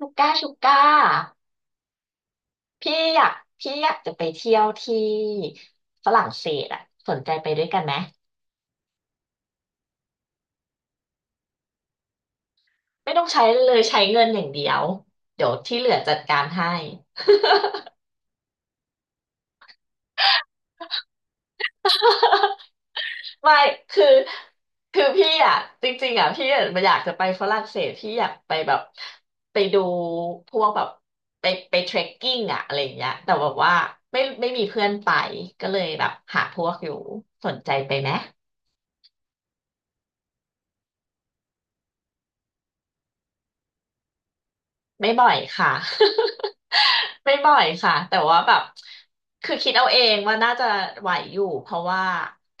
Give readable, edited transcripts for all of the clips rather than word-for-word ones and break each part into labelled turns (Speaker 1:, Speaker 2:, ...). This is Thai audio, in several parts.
Speaker 1: ลูกก้าชูก้าพี่อยากพี่อยากจะไปเที่ยวที่ฝรั่งเศสอ่ะสนใจไปด้วยกันไหมไม่ต้องใช้เลยใช้เงินอย่างเดียวเดี๋ยวที่เหลือจัดการให้ไม่คือคือพี่อ่ะจริงๆอ่ะพี่อะอยากจะไปฝรั่งเศสพี่อยากไปแบบไปดูพวกแบบไปไปเทรคกิ้งอ่ะอะไรอย่างเงี้ยแต่แบบว่าไม่มีเพื่อนไปก็เลยแบบหาพวกอยู่สนใจไปไหมไม่บ่อยค่ะ ไม่บ่อยค่ะแต่ว่าแบบคือคิดเอาเองว่าน่าจะไหวอยู่เพราะว่า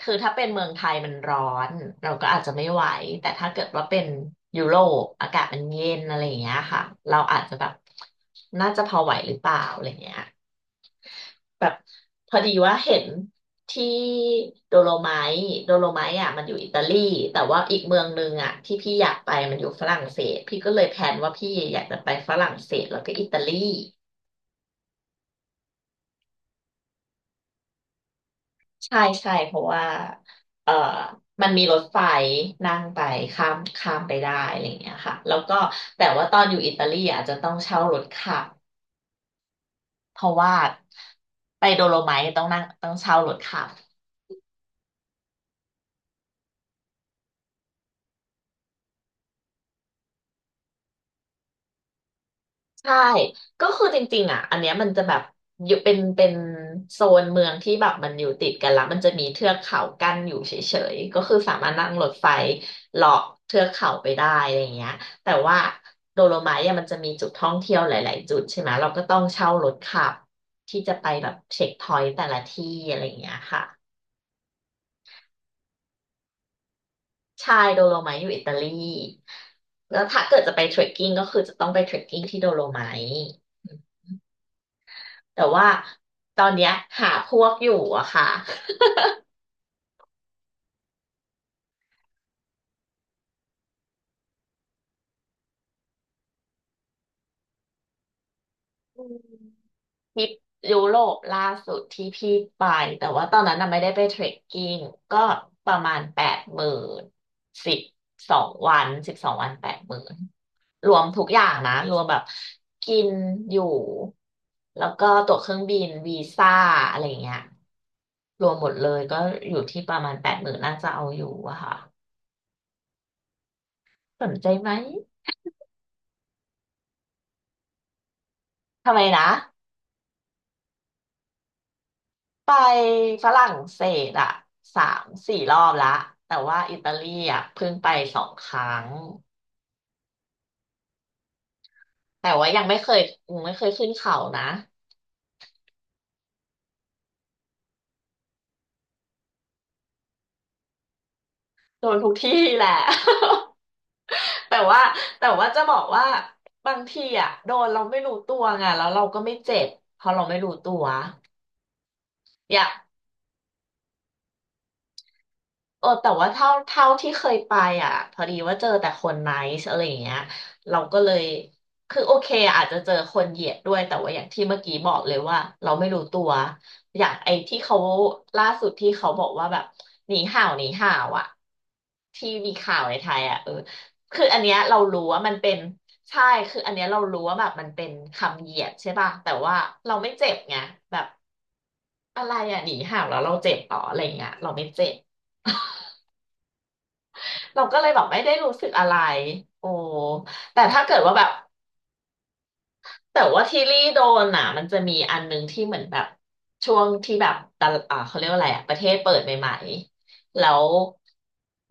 Speaker 1: คือถ้าเป็นเมืองไทยมันร้อนเราก็อาจจะไม่ไหวแต่ถ้าเกิดว่าเป็นยุโรปอากาศมันเย็นอะไรอย่างเงี้ยค่ะเราอาจจะแบบน่าจะพอไหวหรือเปล่าอะไรเงี้ยแบบพอดีว่าเห็นที่โดโลไมต์โดโลไมต์อ่ะมันอยู่อิตาลีแต่ว่าอีกเมืองนึงอ่ะที่พี่อยากไปมันอยู่ฝรั่งเศสพี่ก็เลยแพลนว่าพี่อยากจะไปฝรั่งเศสแล้วก็อิตาลี ใช่ใช่เพราะว่าเอ่อมันมีรถไฟนั่งไปข้ามไปได้อะไรอย่างเงี้ยค่ะแล้วก็แต่ว่าตอนอยู่อิตาลีอาจจะต้องเช่ารถขับ เพราะว่าไปโดโลไมท์ต้องนั่งต้องเช่ารถขับ ใช่ก็คือจริงๆอ่ะอันเนี้ยมันจะแบบอยู่เป็นโซนเมืองที่แบบมันอยู่ติดกันละมันจะมีเทือกเขากั้นอยู่เฉยๆก็คือสามารถนั่งรถไฟเลาะเทือกเขาไปได้อะไรอย่างเงี้ยแต่ว่าโดโลไมท์อะมันจะมีจุดท่องเที่ยวหลายๆจุดใช่ไหม เราก็ต้องเช่ารถขับที่จะไปแบบเช็คพอยต์แต่ละที่อะไรอย่างเงี้ยค่ะใช่โดโลไมท์อยู่อิตาลีแล้วถ้าเกิดจะไปเทรคกิ้งก็คือจะต้องไปเทรคกิ้งที่โดโลไมท์ แต่ว่าตอนเนี้ยหาพวกอยู่อะค่ะ อืมทริปยุโรปล่าสุดที่พี่ไปแต่ว่าตอนนั้นน่ะไม่ได้ไปเทรคกิ้งก็ประมาณแปดหมื่นสิบ12 วันแปดหมื่นรวมทุกอย่างนะรวมแบบกินอยู่แล้วก็ตั๋วเครื่องบินวีซ่าอะไรเงี้ยรวมหมดเลยก็อยู่ที่ประมาณแปดหมื่นน่าจะเอาอยู่อะค่ะสนใจไหมทำไมนะ ไปฝรั่งเศสอะ3-4 รอบละแต่ว่าอิตาลีอะเพิ่งไป2 ครั้งแต่ว่ายังไม่เคยยังไม่เคยขึ้นเขานะโดนทุกที่แหละ แต่ว่าแต่ว่าจะบอกว่าบางทีอะโดนเราไม่รู้ตัวไงแล้วเราก็ไม่เจ็บเพราะเราไม่รู้ตัวอยาก เออแต่ว่าเท่าที่เคยไปอ่ะพอดีว่าเจอแต่คนไนซ์อะไรอย่างเงี้ยเราก็เลยคือโอเคอาจจะเจอคนเหยียดด้วยแต่ว่าอย่างที่เมื่อกี้บอกเลยว่าเราไม่รู้ตัวอย่างไอ้ที่เขาล่าสุดที่เขาบอกว่าแบบหนีห่าวหนีห่าวอ่ะที่มีข่าวในไทยอ่ะเออคืออันเนี้ยเรารู้ว่ามันเป็นใช่คืออันเนี้ยเรารู้ว่าแบบมันเป็นคำเหยียดใช่ป่ะแต่ว่าเราไม่เจ็บไงแบบอะไรอ่ะหนีห่าวแล้วเราเจ็บต่ออะไรอย่างเงี้ยเราไม่เจ็บ เราก็เลยแบบไม่ได้รู้สึกอะไรโอ้แต่ถ้าเกิดว่าแบบแต่ว่าที่ลี่โดนอ่ะมันจะมีอันนึงที่เหมือนแบบช่วงที่แบบตะอ่าเขาเรียกว่าอะไรอ่ะประเทศเปิดใหม่ๆ แล้ว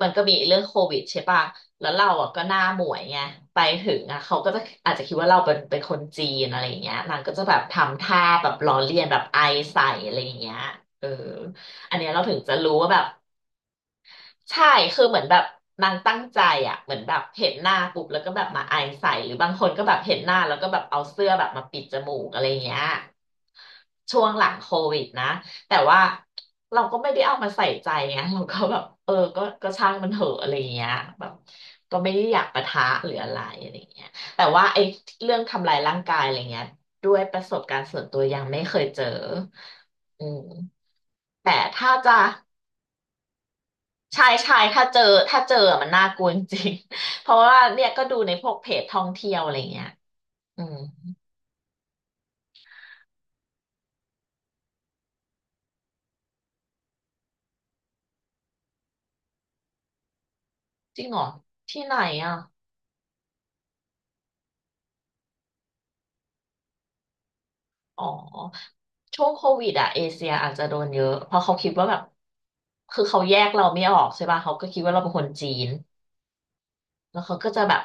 Speaker 1: มันก็มีเรื่องโควิดใช่ป่ะแล้วเราอ่ะก็หน้าหมวยไงไปถึงอ่ะเขาก็จะอาจจะคิดว่าเราเป็นคนจีนอะไรอย่างเงี้ยนางก็จะแบบทำท่าแบบล้อเลียนแบบไอใส่อะไรอย่างเงี้ยเอออันเนี้ยเราถึงจะรู้ว่าแบบ ใช่คือเหมือนแบบนางตั้งใจอ่ะเหมือนแบบเห็นหน้าปุ๊บแล้วก็แบบมาไอใส่หรือบางคนก็แบบเห็นหน้าแล้วก็แบบเอาเสื้อแบบมาปิดจมูกอะไรเงี้ยช่วงหลังโควิดนะแต่ว่าเราก็ไม่ได้เอามาใส่ใจไงเราก็แบบเออก็ช่างมันเถอะอะไรเงี้ยแบบก็ไม่ได้อยากปะทะหรืออะไรอะไรเงี้ยแต่ว่าไอ้เรื่องทำลายร่างกายอะไรเงี้ยด้วยประสบการณ์ส่วนตัวยังไม่เคยเจออืมแต่ถ้าจะ ใช่ใช่ถ้าเจอถ้าเจอมันน่ากลัวจริงๆ เพราะว่าเนี่ยก็ดูในพวกเพจท่องเที่ยวอะไรเงี้ยอืมจริงเหรอที่ไหนอ่ะอ๋อช่วงโควิดอ่ะเอเชียอาจจะโดนเยอะเพราะเขาคิดว่าแบบคือเขาแยกเราไม่ออกใช่ป่ะเขาก็คิดว่าเราเป็นคนจีนแล้วเขาก็จะแบบ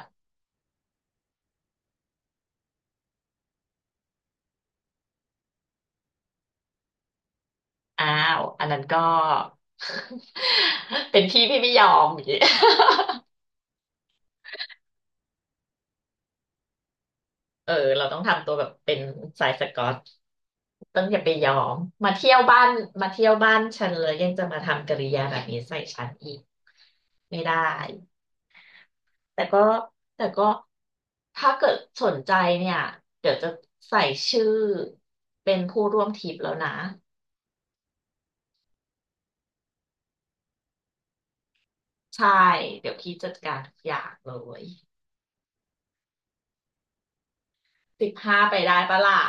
Speaker 1: อ้าวอันนั้นก็ เป็นพี่ไม่ยอมอย่างงี้ เราต้องทำตัวแบบเป็นสายสก๊อตต้องอย่าไปยอมมาเที่ยวบ้านมาเที่ยวบ้านฉันเลยยังจะมาทำกิริยาแบบนี้ใส่ฉันอีกไม่ได้แต่ก็แต่ก็ถ้าเกิดสนใจเนี่ยเดี๋ยวจะใส่ชื่อเป็นผู้ร่วมทริปแล้วนะใช่เดี๋ยวพี่จัดการทุกอย่างเลยสิบห้าไปได้ปะล่ะ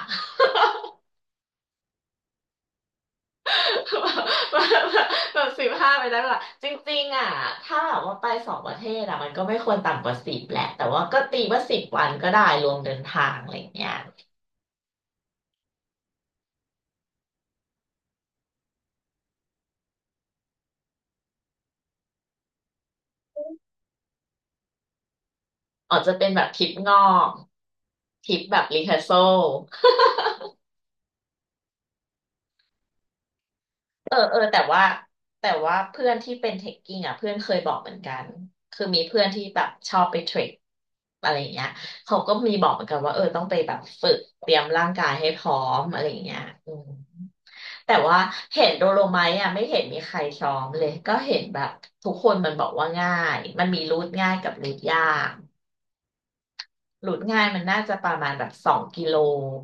Speaker 1: แบบ 15ไปแล้วล่ะจริงๆอ่ะถ้าแบบว่าไป2 ประเทศอ่ะมันก็ไม่ควรต่ำกว่าสิบแหละแต่ว่าก็ตีว่า10 วันก็ได้รวมเดินทางอะไรอย่างเงี้ยอาจจะเป็นแบบทริปงอกทริปแบบรีเทอร์โซเออแต่ว่าเพื่อนที่เป็นเทคกิ้งอ่ะเพื่อนเคยบอกเหมือนกันคือมีเพื่อนที่แบบชอบไปเทรคอะไรอย่างเงี้ยเขาก็มีบอกเหมือนกันว่าเออต้องไปแบบฝึกเตรียมร่างกายให้พร้อมอะไรอย่างเงี้ยอืม แต่ว่าเห็นโดโลไมท์อ่ะไม่เห็นมีใครซ้อมเลยก็เห็นแบบทุกคนมันบอกว่าง่ายมันมีรูทง่ายกับรูทยากรูทง่ายมันน่าจะประมาณแบบ2 กิโล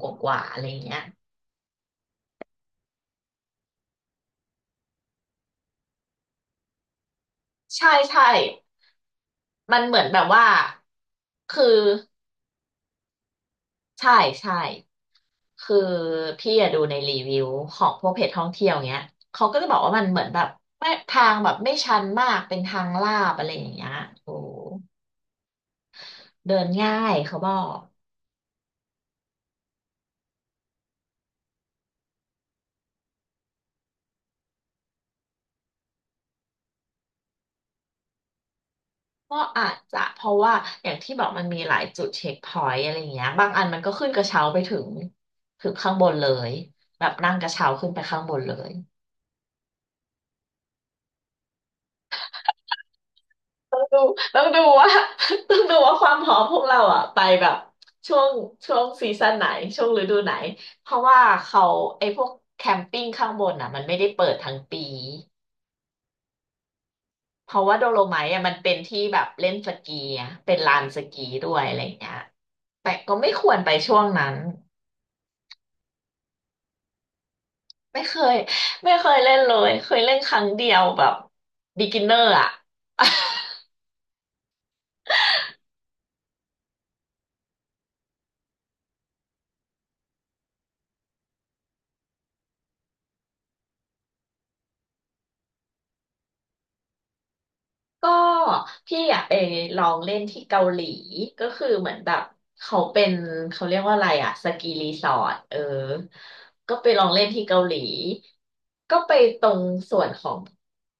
Speaker 1: กว่าๆอะไรเงี้ยใช่ใช่มันเหมือนแบบว่าคือใช่ใช่คือพี่อะดูในรีวิวของพวกเพจท่องเที่ยวเงี้ยเขาก็จะบอกว่ามันเหมือนแบบไม่ทางแบบไม่ชันมากเป็นทางลาดอะไรอย่างเงี้ยโอ้เดินง่ายเขาบอก ก็อาจจะเพราะว่าอย่างที่บอกมันมีหลายจุดเช็คพอยต์อะไรอย่างเงี้ยบางอันมันก็ขึ้นกระเช้าไปถึงถึงข้างบนเลยแบบนั่งกระเช้าขึ้นไปข้างบนเลยต้องดูว่า ต้องดูว่าความพร้อมพวกเราอ่ะไปแบบช่วงช่วงซีซั่นไหนช่วงฤดูไหนเพราะว่าเขาไอ้พวกแคมปิ้งข้างบนอ่ะมันไม่ได้เปิดทั้งปีเพราะว่าโดโลไมท์อ่ะมันเป็นที่แบบเล่นสกีอะเป็นลานสกีด้วยอะไรอย่างเงี้ยแต่ก็ไม่ควรไปช่วงนั้น ไม่เคยไม่เคยเล่นเลยเคยเล่นครั้งเดียวแบบ beginner อะ ก็พี่อะไปลองเล่นที่เกาหลีก็คือเหมือนแบบเขาเป็นเขาเรียกว่าอะไรอะสกีรีสอร์ทเออก็ไปลองเล่นที่เกาหลีก็ไปตรงส่วนของ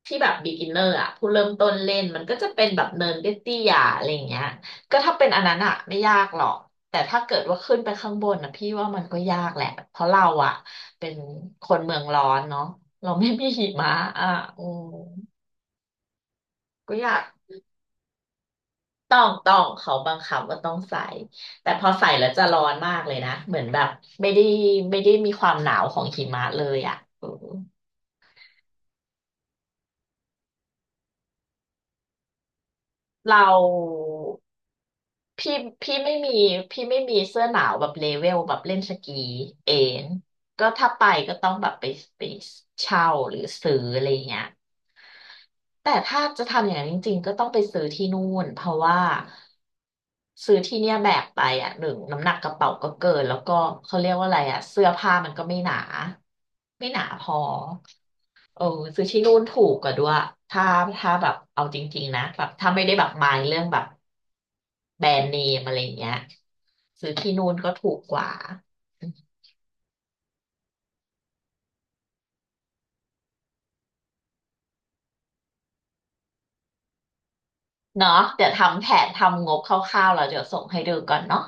Speaker 1: ที่แบบ beginner อะผู้เริ่มต้นเล่นมันก็จะเป็นแบบเนินเตี้ยๆอะไรอย่างเงี้ยก็ถ้าเป็นอันนั้นอะไม่ยากหรอกแต่ถ้าเกิดว่าขึ้นไปข้างบนนะพี่ว่ามันก็ยากแหละเพราะเราอะเป็นคนเมืองร้อนเนาะเราไม่มีหิมะอ่ะอืมก็ยาก ต้องเขาบังคับว่าต้องใส่แต่พอใส่แล้วจะร้อนมากเลยนะ เหมือนแบบไม่ได้ไม่ได้มีความหนาวของหิมะเลยอ่ะเออเราพี่พี่ไม่มีเสื้อหนาวแบบเลเวลแบบเล่นสกีเองก็ถ้าไปก็ต้องแบบไปเช่าหรือซื้ออะไรเงี้ย แต่ถ้าจะทำอย่างนั้นจริงๆก็ต้องไปซื้อที่นู่นเพราะว่าซื้อที่เนี่ยแบกไปอ่ะหนึ่งน้ำหนักกระเป๋าก็เกินแล้วก็เขาเรียกว่าอะไรอ่ะเสื้อผ้ามันก็ไม่หนาพอเออซื้อที่นู่นถูกกว่าด้วยถ้าถ้าแบบเอาจริงๆนะแบบถ้าไม่ได้แบบมายเรื่องแบบแบรนด์เนมอะไรอย่างเงี้ยซื้อที่นู่นก็ถูกกว่าเนาะเดี๋ยวทำแผนทำงบคร่าวๆแล้วเดี๋ยวส่งให้ดูก่อนเนาะ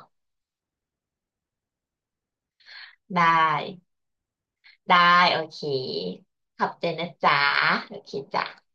Speaker 1: ได้ ได้โอเคขอบใจนะจ๊ะโอเคจ้ะ